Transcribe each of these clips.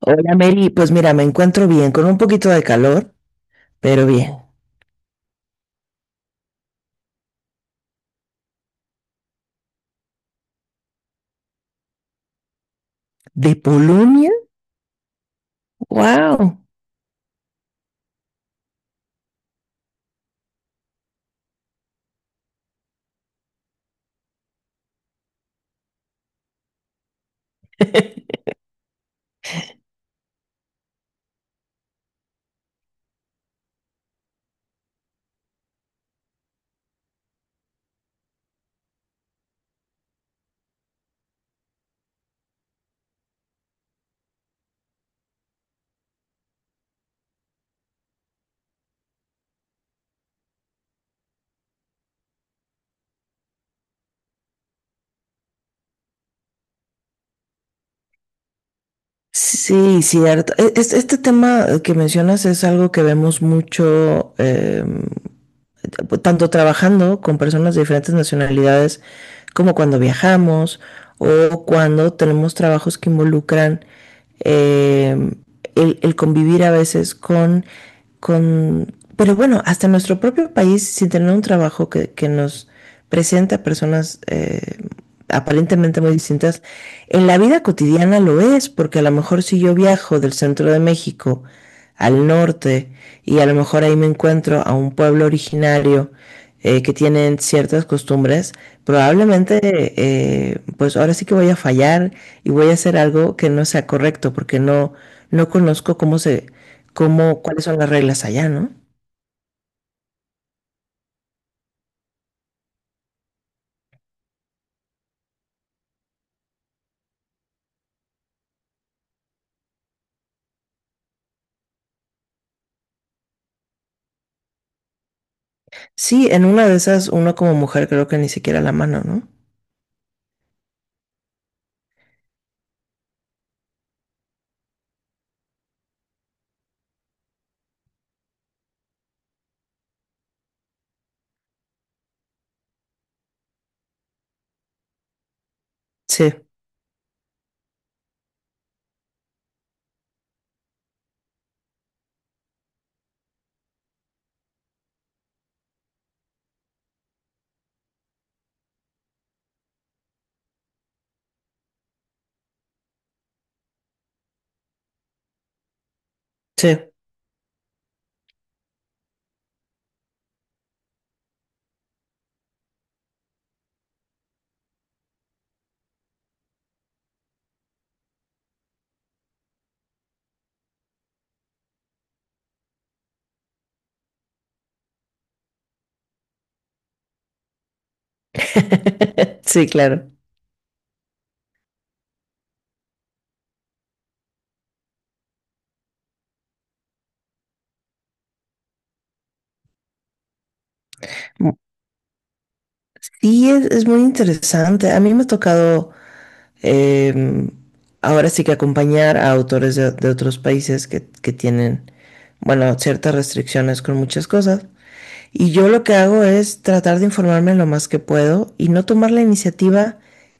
Hola Mary, pues mira, me encuentro bien, con un poquito de calor, pero bien. ¿De Polonia? ¡Wow! Sí, cierto. Este tema que mencionas es algo que vemos mucho, tanto trabajando con personas de diferentes nacionalidades como cuando viajamos o cuando tenemos trabajos que involucran eh, convivir a veces pero bueno, hasta en nuestro propio país, sin tener un trabajo que nos presenta personas aparentemente muy distintas. En la vida cotidiana lo es, porque a lo mejor si yo viajo del centro de México al norte y a lo mejor ahí me encuentro a un pueblo originario que tienen ciertas costumbres, probablemente pues ahora sí que voy a fallar y voy a hacer algo que no sea correcto porque no, no conozco cuáles son las reglas allá, ¿no? Sí, en una de esas uno como mujer creo que ni siquiera la mano, ¿no? Sí, sí. Sí, claro. Sí, es muy interesante. A mí me ha tocado em, ahora sí que acompañar a autores de otros países que tienen, bueno, ciertas restricciones con muchas cosas. Y yo lo que hago es tratar de informarme lo más que puedo y no tomar la iniciativa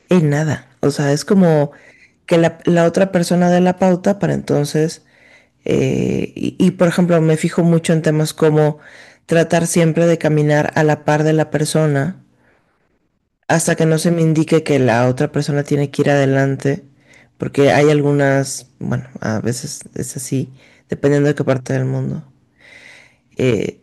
en nada. O sea, es como que la otra persona dé la pauta para entonces. Y, por ejemplo, me fijo mucho en temas como tratar siempre de caminar a la par de la persona hasta que no se me indique que la otra persona tiene que ir adelante, porque hay algunas, bueno, a veces es así, dependiendo de qué parte del mundo. Eh,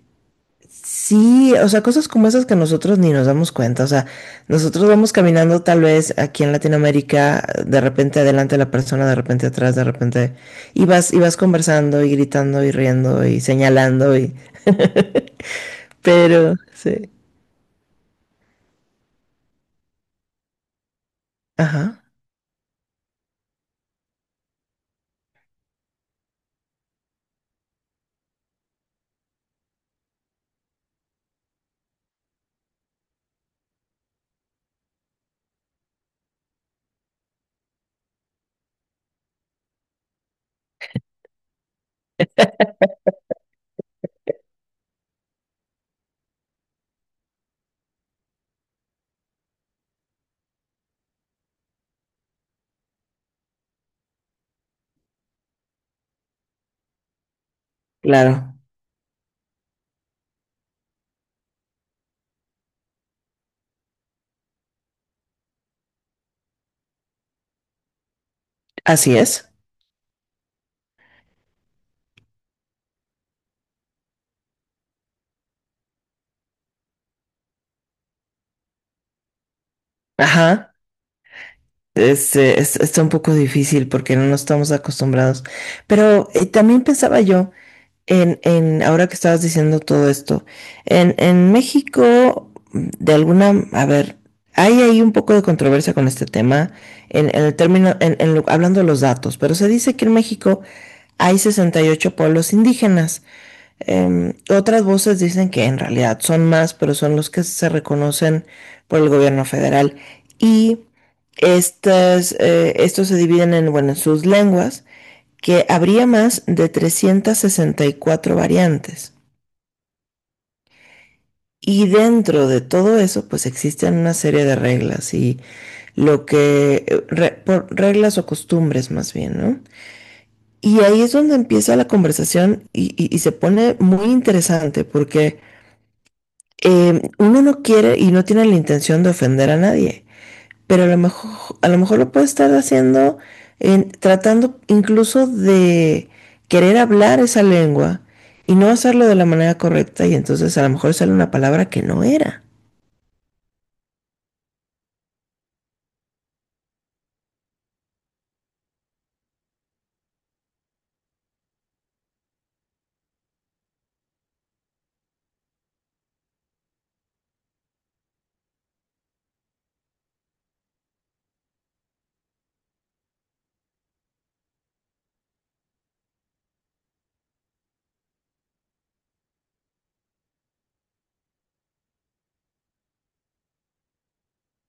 Sí, o sea, cosas como esas que nosotros ni nos damos cuenta. O sea, nosotros vamos caminando tal vez aquí en Latinoamérica, de repente adelante la persona, de repente atrás, de repente, y vas, conversando y gritando y riendo y señalando y, pero, sí, ajá, claro, así es, ajá. Este, está un poco difícil porque no nos estamos acostumbrados. Pero también pensaba yo. Ahora que estabas diciendo todo esto, en México, a ver, hay ahí un poco de controversia con este tema, en el término, hablando de los datos, pero se dice que en México hay 68 pueblos indígenas. Otras voces dicen que en realidad son más, pero son los que se reconocen por el gobierno federal. Y estos se dividen en, bueno, en sus lenguas que habría más de 364 variantes. Y dentro de todo eso, pues existen una serie de reglas y por reglas o costumbres más bien, ¿no? Y ahí es donde empieza la conversación y se pone muy interesante porque uno no quiere y no tiene la intención de ofender a nadie, pero a lo mejor lo puede estar haciendo tratando incluso de querer hablar esa lengua y no hacerlo de la manera correcta y entonces a lo mejor sale una palabra que no era.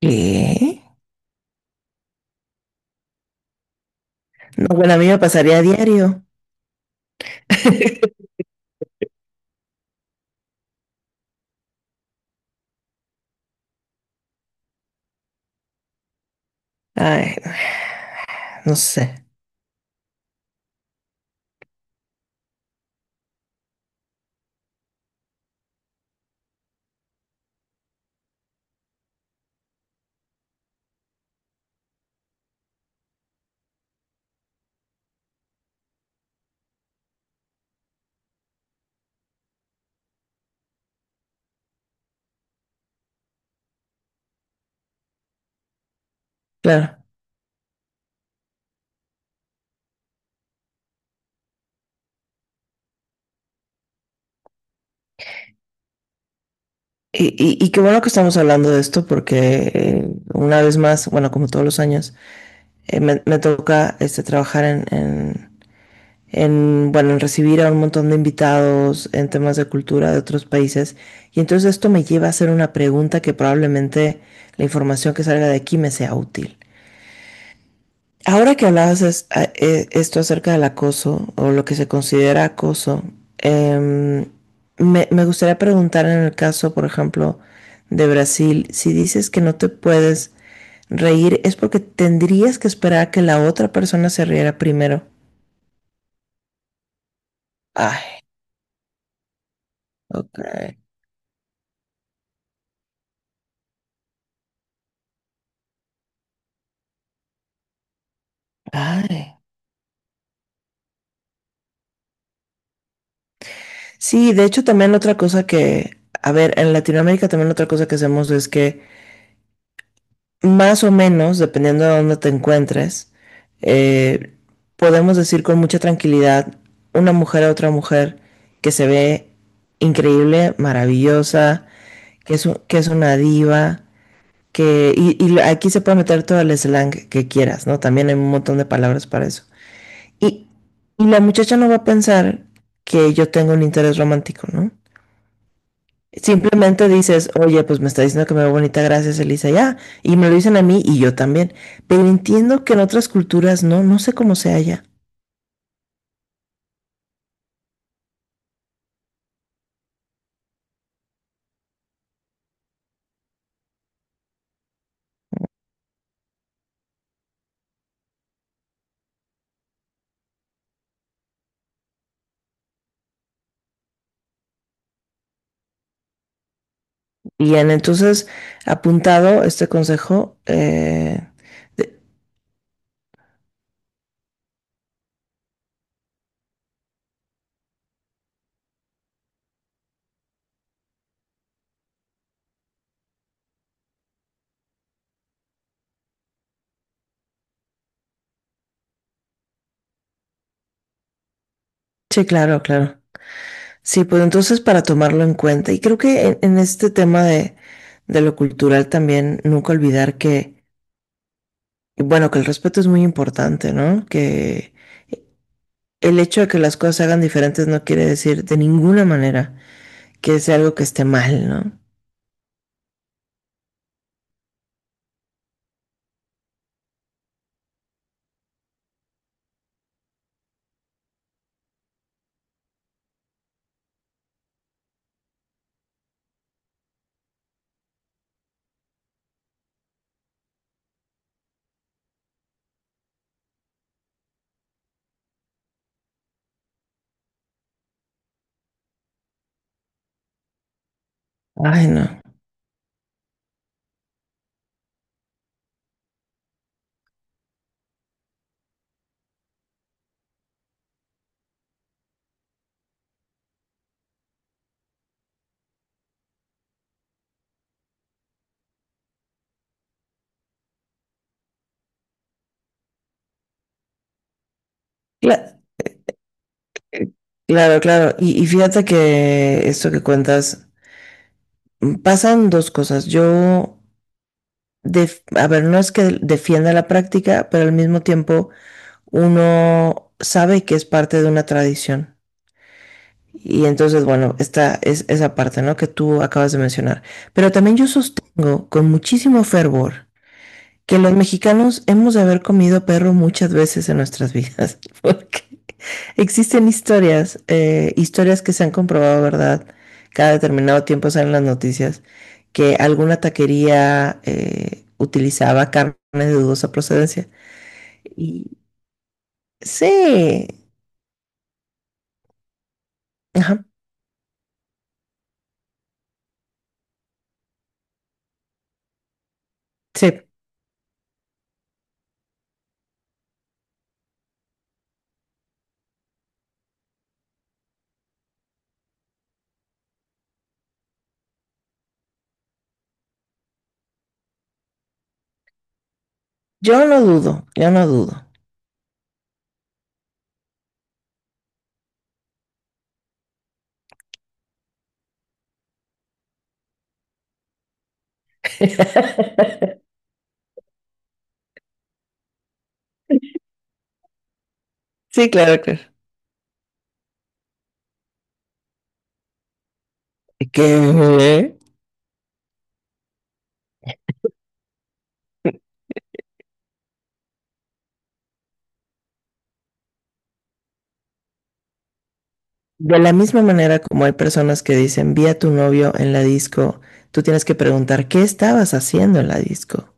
¿Qué? No, bueno, a mí me pasaría a diario. Ay, no sé, claro. Y, y, qué bueno que estamos hablando de esto porque una vez más, bueno, como todos los años, me toca este, trabajar en, bueno, en recibir a un montón de invitados en temas de cultura de otros países. Y entonces esto me lleva a hacer una pregunta que probablemente la información que salga de aquí me sea útil. Ahora que hablabas esto acerca del acoso o lo que se considera acoso, eh, me gustaría preguntar en el caso, por ejemplo, de Brasil, si dices que no te puedes reír, es porque tendrías que esperar a que la otra persona se riera primero. Ay, ok. Ay. Sí, de hecho también otra cosa que, a ver, en Latinoamérica también otra cosa que hacemos es que más o menos, dependiendo de dónde te encuentres, eh, podemos decir con mucha tranquilidad una mujer a otra mujer que se ve increíble, maravillosa, que es una diva, que, y lo- aquí se puede meter todo el slang que quieras, ¿no? También hay un montón de palabras para eso. Y, y la muchacha no va a pensar que yo tengo un interés romántico, ¿no? Simplemente dices, oye, pues me está diciendo que me veo bonita, gracias Elisa, ya. Y me lo dicen a mí y yo también. Pero entiendo que en otras culturas no, no sé cómo sea allá. Bien, entonces, apuntado este consejo. De- sí, claro, claro. Sí, pues entonces para tomarlo en cuenta. Y creo que en este tema de lo cultural también, nunca olvidar que, bueno, que el respeto es muy importante, ¿no? Que el hecho de que las cosas se hagan diferentes no quiere decir de ninguna manera que sea algo que esté mal, ¿no? Ay, no. Cla- claro, claro. Y fíjate que esto que cuentas, pasan dos cosas. A ver, no es que defienda la práctica, pero al mismo tiempo uno sabe que es parte de una tradición. Y entonces, bueno, esta es esa parte, ¿no? Que tú acabas de mencionar. Pero también yo sostengo con muchísimo fervor que los mexicanos hemos de haber comido perro muchas veces en nuestras vidas, porque existen historias que se han comprobado, ¿verdad? Cada determinado tiempo salen las noticias que alguna taquería utilizaba carne de dudosa procedencia. Y sí, ajá, sí, yo no dudo, yo no dudo. Sí, claro, claro. ¿Qué? De la misma manera como hay personas que dicen, vi a tu novio en la disco, tú tienes que preguntar, ¿qué estabas haciendo en la disco?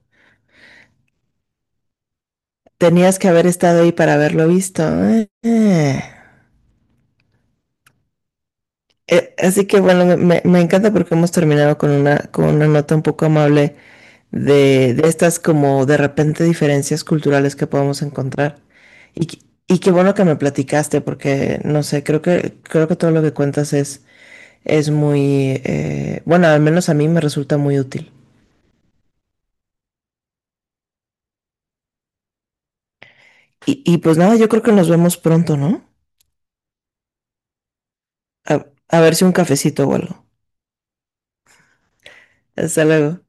Tenías que haber estado ahí para haberlo visto. Así que bueno, me encanta porque hemos terminado con una, nota un poco amable de estas como de repente diferencias culturales que podemos encontrar. Y qué bueno que me platicaste porque, no sé, creo que todo lo que cuentas es muy, bueno, al menos a mí me resulta muy útil. Y pues nada, yo creo que nos vemos pronto, ¿no? A ver si un cafecito o algo. Hasta luego.